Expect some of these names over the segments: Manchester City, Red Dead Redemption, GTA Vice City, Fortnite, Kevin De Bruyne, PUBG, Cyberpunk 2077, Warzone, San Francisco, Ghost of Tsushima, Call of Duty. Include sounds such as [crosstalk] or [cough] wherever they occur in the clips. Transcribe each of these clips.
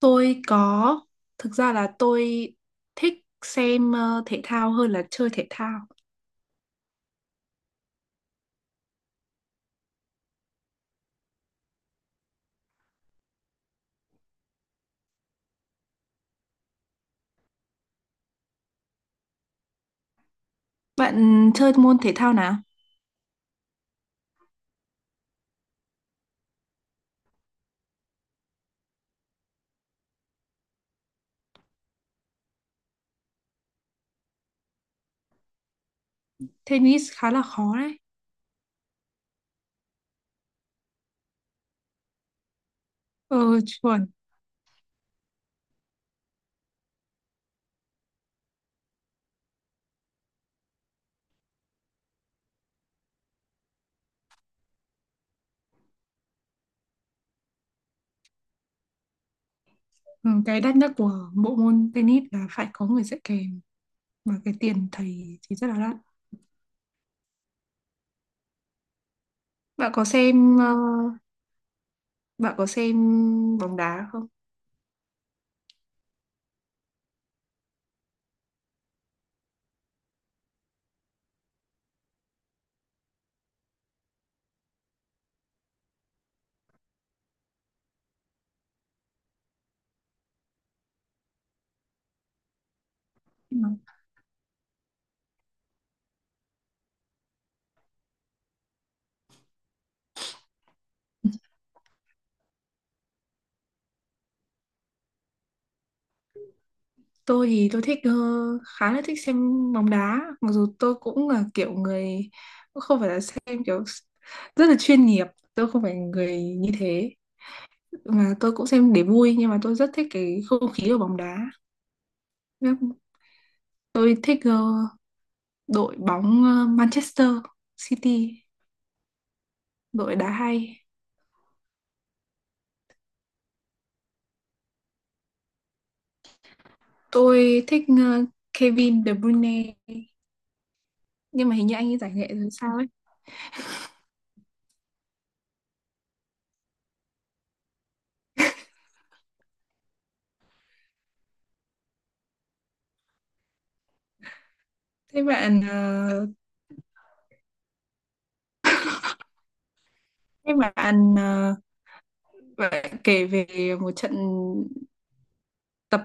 Tôi có, thực ra là tôi thích xem thể thao hơn là chơi thể thao. Bạn chơi môn thể thao nào? Tennis khá là khó đấy. Ờ, chuẩn. Ừ, cái đắt nhất của bộ môn tennis là phải có người dạy kèm và cái tiền thầy thì rất là đắt. Bạn có xem bạn có xem bóng đá không? Ừ. Tôi thì tôi thích khá là thích xem bóng đá, mặc dù tôi cũng là kiểu người không phải là xem kiểu rất là chuyên nghiệp, tôi không phải người như thế, mà tôi cũng xem để vui, nhưng mà tôi rất thích cái không khí của bóng đá. Tôi thích đội bóng Manchester City, đội đá hay. Tôi thích Kevin De Bruyne, nhưng mà hình như anh ấy giải nghệ rồi sao ấy. Thế bạn ờ, thế bạn ờ, bạn kể về một trận tập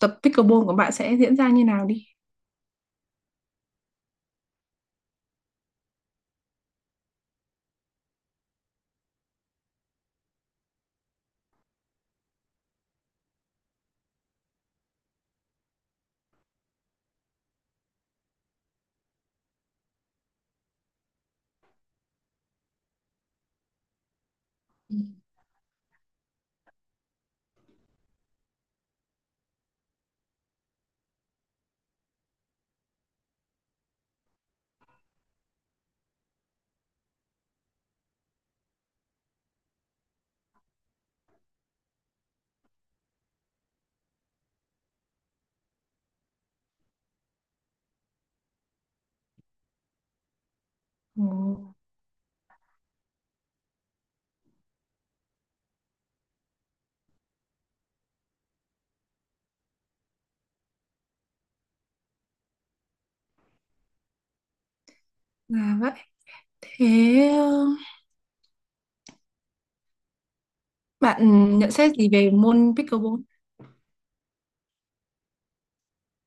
tập pickleball của bạn sẽ diễn ra như nào đi. Ừ. Ồ, là vậy. Thế ờ, Bạn nhận xét gì về môn pickleball?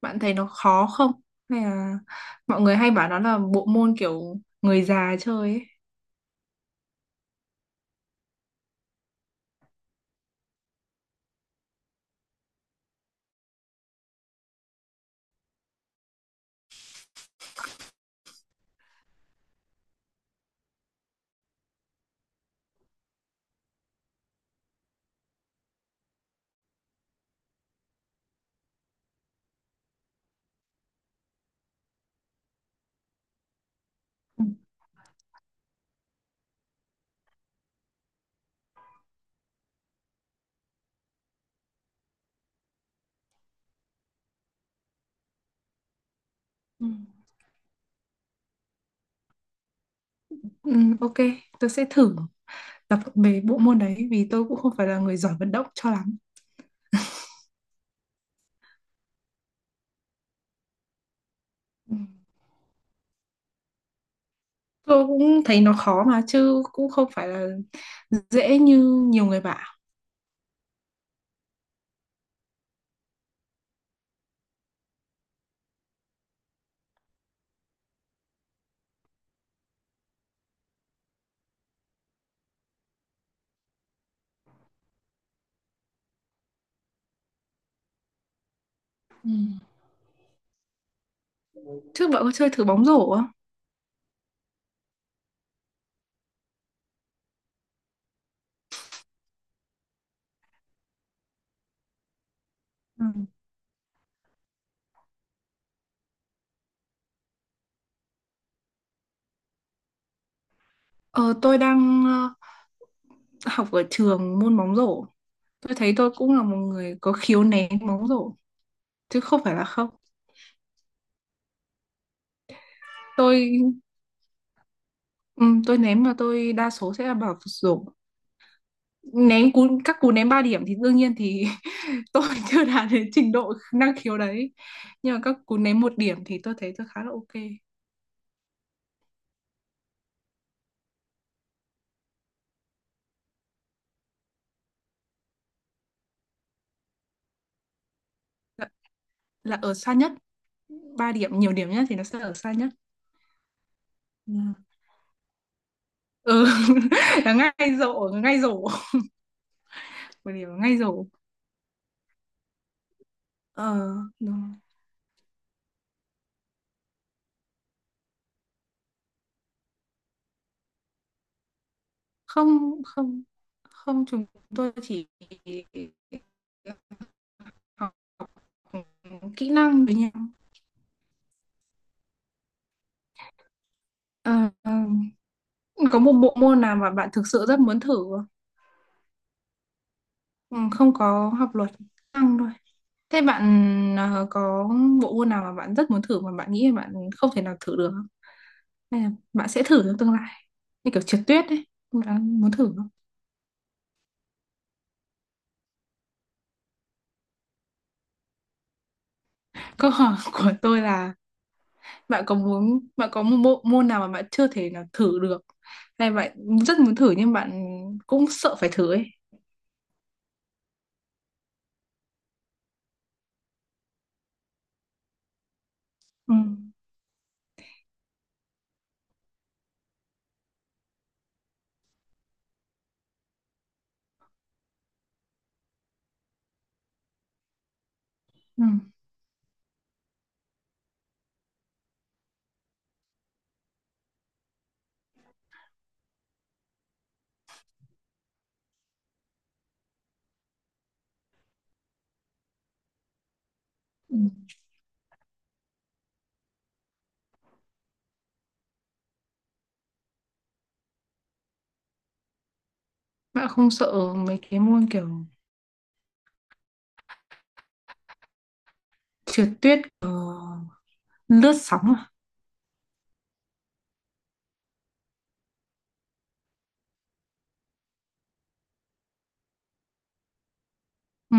Bạn thấy nó khó không? Hay là mọi người hay bảo nó là bộ môn kiểu người già chơi ấy. Ừ. Ừ. Ừ, ok, tôi sẽ thử tập về bộ môn đấy, vì tôi cũng không phải là người giỏi vận động cho lắm. Ừ. Tôi cũng thấy nó khó mà, chứ cũng không phải là dễ như nhiều người bảo. Ừ. Trước bạn có chơi thử bóng rổ không? Ừ. Ờ, tôi đang học ở trường môn bóng rổ. Tôi thấy tôi cũng là một người có khiếu ném bóng rổ, chứ không phải là không. Tôi tôi ném mà tôi đa số sẽ là vào rổ. Ném cú các cú ném 3 điểm thì đương nhiên thì [laughs] tôi chưa đạt đến trình độ năng khiếu đấy. Nhưng mà các cú ném một điểm thì tôi thấy tôi khá là ok. Là, là ở xa nhất, 3 điểm nhiều điểm nhất thì nó sẽ ở xa nhất. Ừ, [laughs] ừ, là ngay rổ, một điểm là ngay rổ. Ờ, đúng. Không không không chúng tôi chỉ học kỹ năng với nhau. Ờ, có một bộ môn nào mà bạn thực sự rất muốn thử không? Ừ, không có học luật, năng thôi. Thế bạn có bộ môn nào mà bạn rất muốn thử mà bạn nghĩ là bạn không thể nào thử được không, hay là bạn sẽ thử trong tương lai, như kiểu trượt tuyết ấy, bạn muốn thử không? Câu hỏi của tôi là bạn có muốn, bạn có một bộ môn nào mà bạn chưa thể nào thử được, hay bạn rất muốn thử nhưng bạn cũng sợ phải thử ấy. Ừ. Ừ. Ừ. Bạn không sợ mấy cái môn kiểu trượt tuyết, lướt sóng à? Ừ.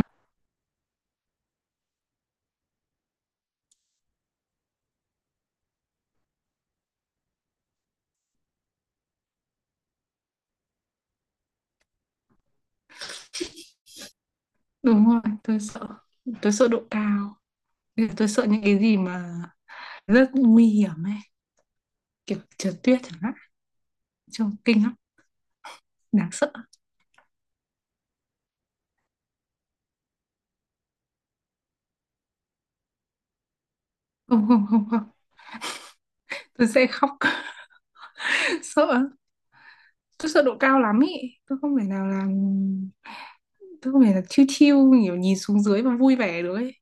Đúng rồi, tôi sợ, tôi sợ độ cao, tôi sợ những cái gì mà rất nguy hiểm ấy, kiểu trượt tuyết chẳng hạn, trông kinh lắm, đáng sợ. Không không không không tôi sẽ khóc. [laughs] Sợ, tôi sợ độ cao lắm ý, tôi không thể nào làm, tôi không phải là chill chill kiểu nhìn xuống dưới và vui vẻ được ấy.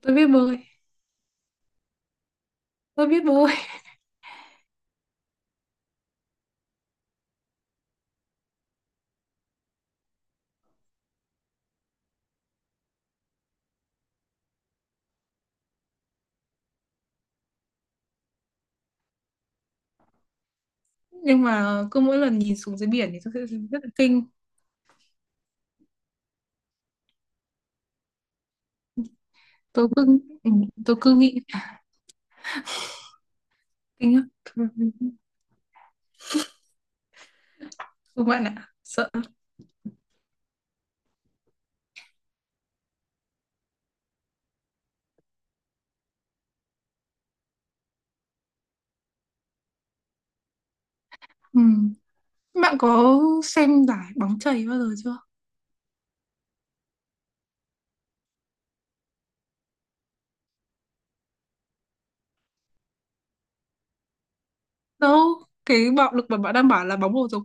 Tôi biết bơi, tôi biết bơi. [laughs] Nhưng mà cứ mỗi lần nhìn xuống dưới biển thì tôi sẽ rất là kinh. Tôi cứ ừ, tôi cứ nghĩ "À, kinh á. Thôi, không bạn ạ, sợ." Ừ. Bạn có xem giải bóng chày bao giờ chưa? Đâu, cái bạo lực mà bạn đang bảo là bóng bầu dục.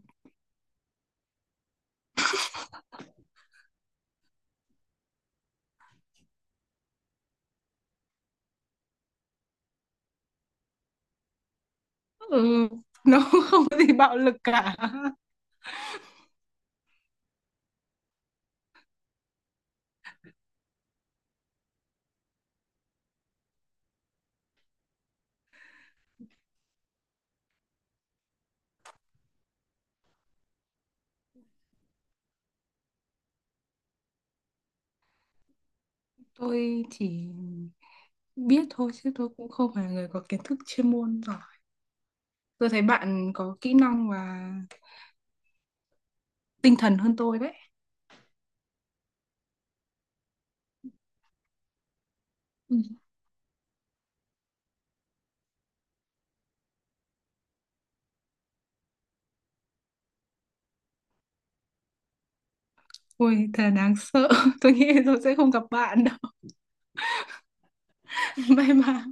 Ừ, nó [laughs] không có gì bạo lực cả. Tôi chỉ biết thôi, chứ tôi cũng không phải là người có kiến thức chuyên môn giỏi. Tôi thấy bạn có kỹ năng và tinh thần hơn tôi đấy. Ui, thật đáng sợ, [laughs] tôi nghĩ tôi sẽ không gặp bạn đâu, may mà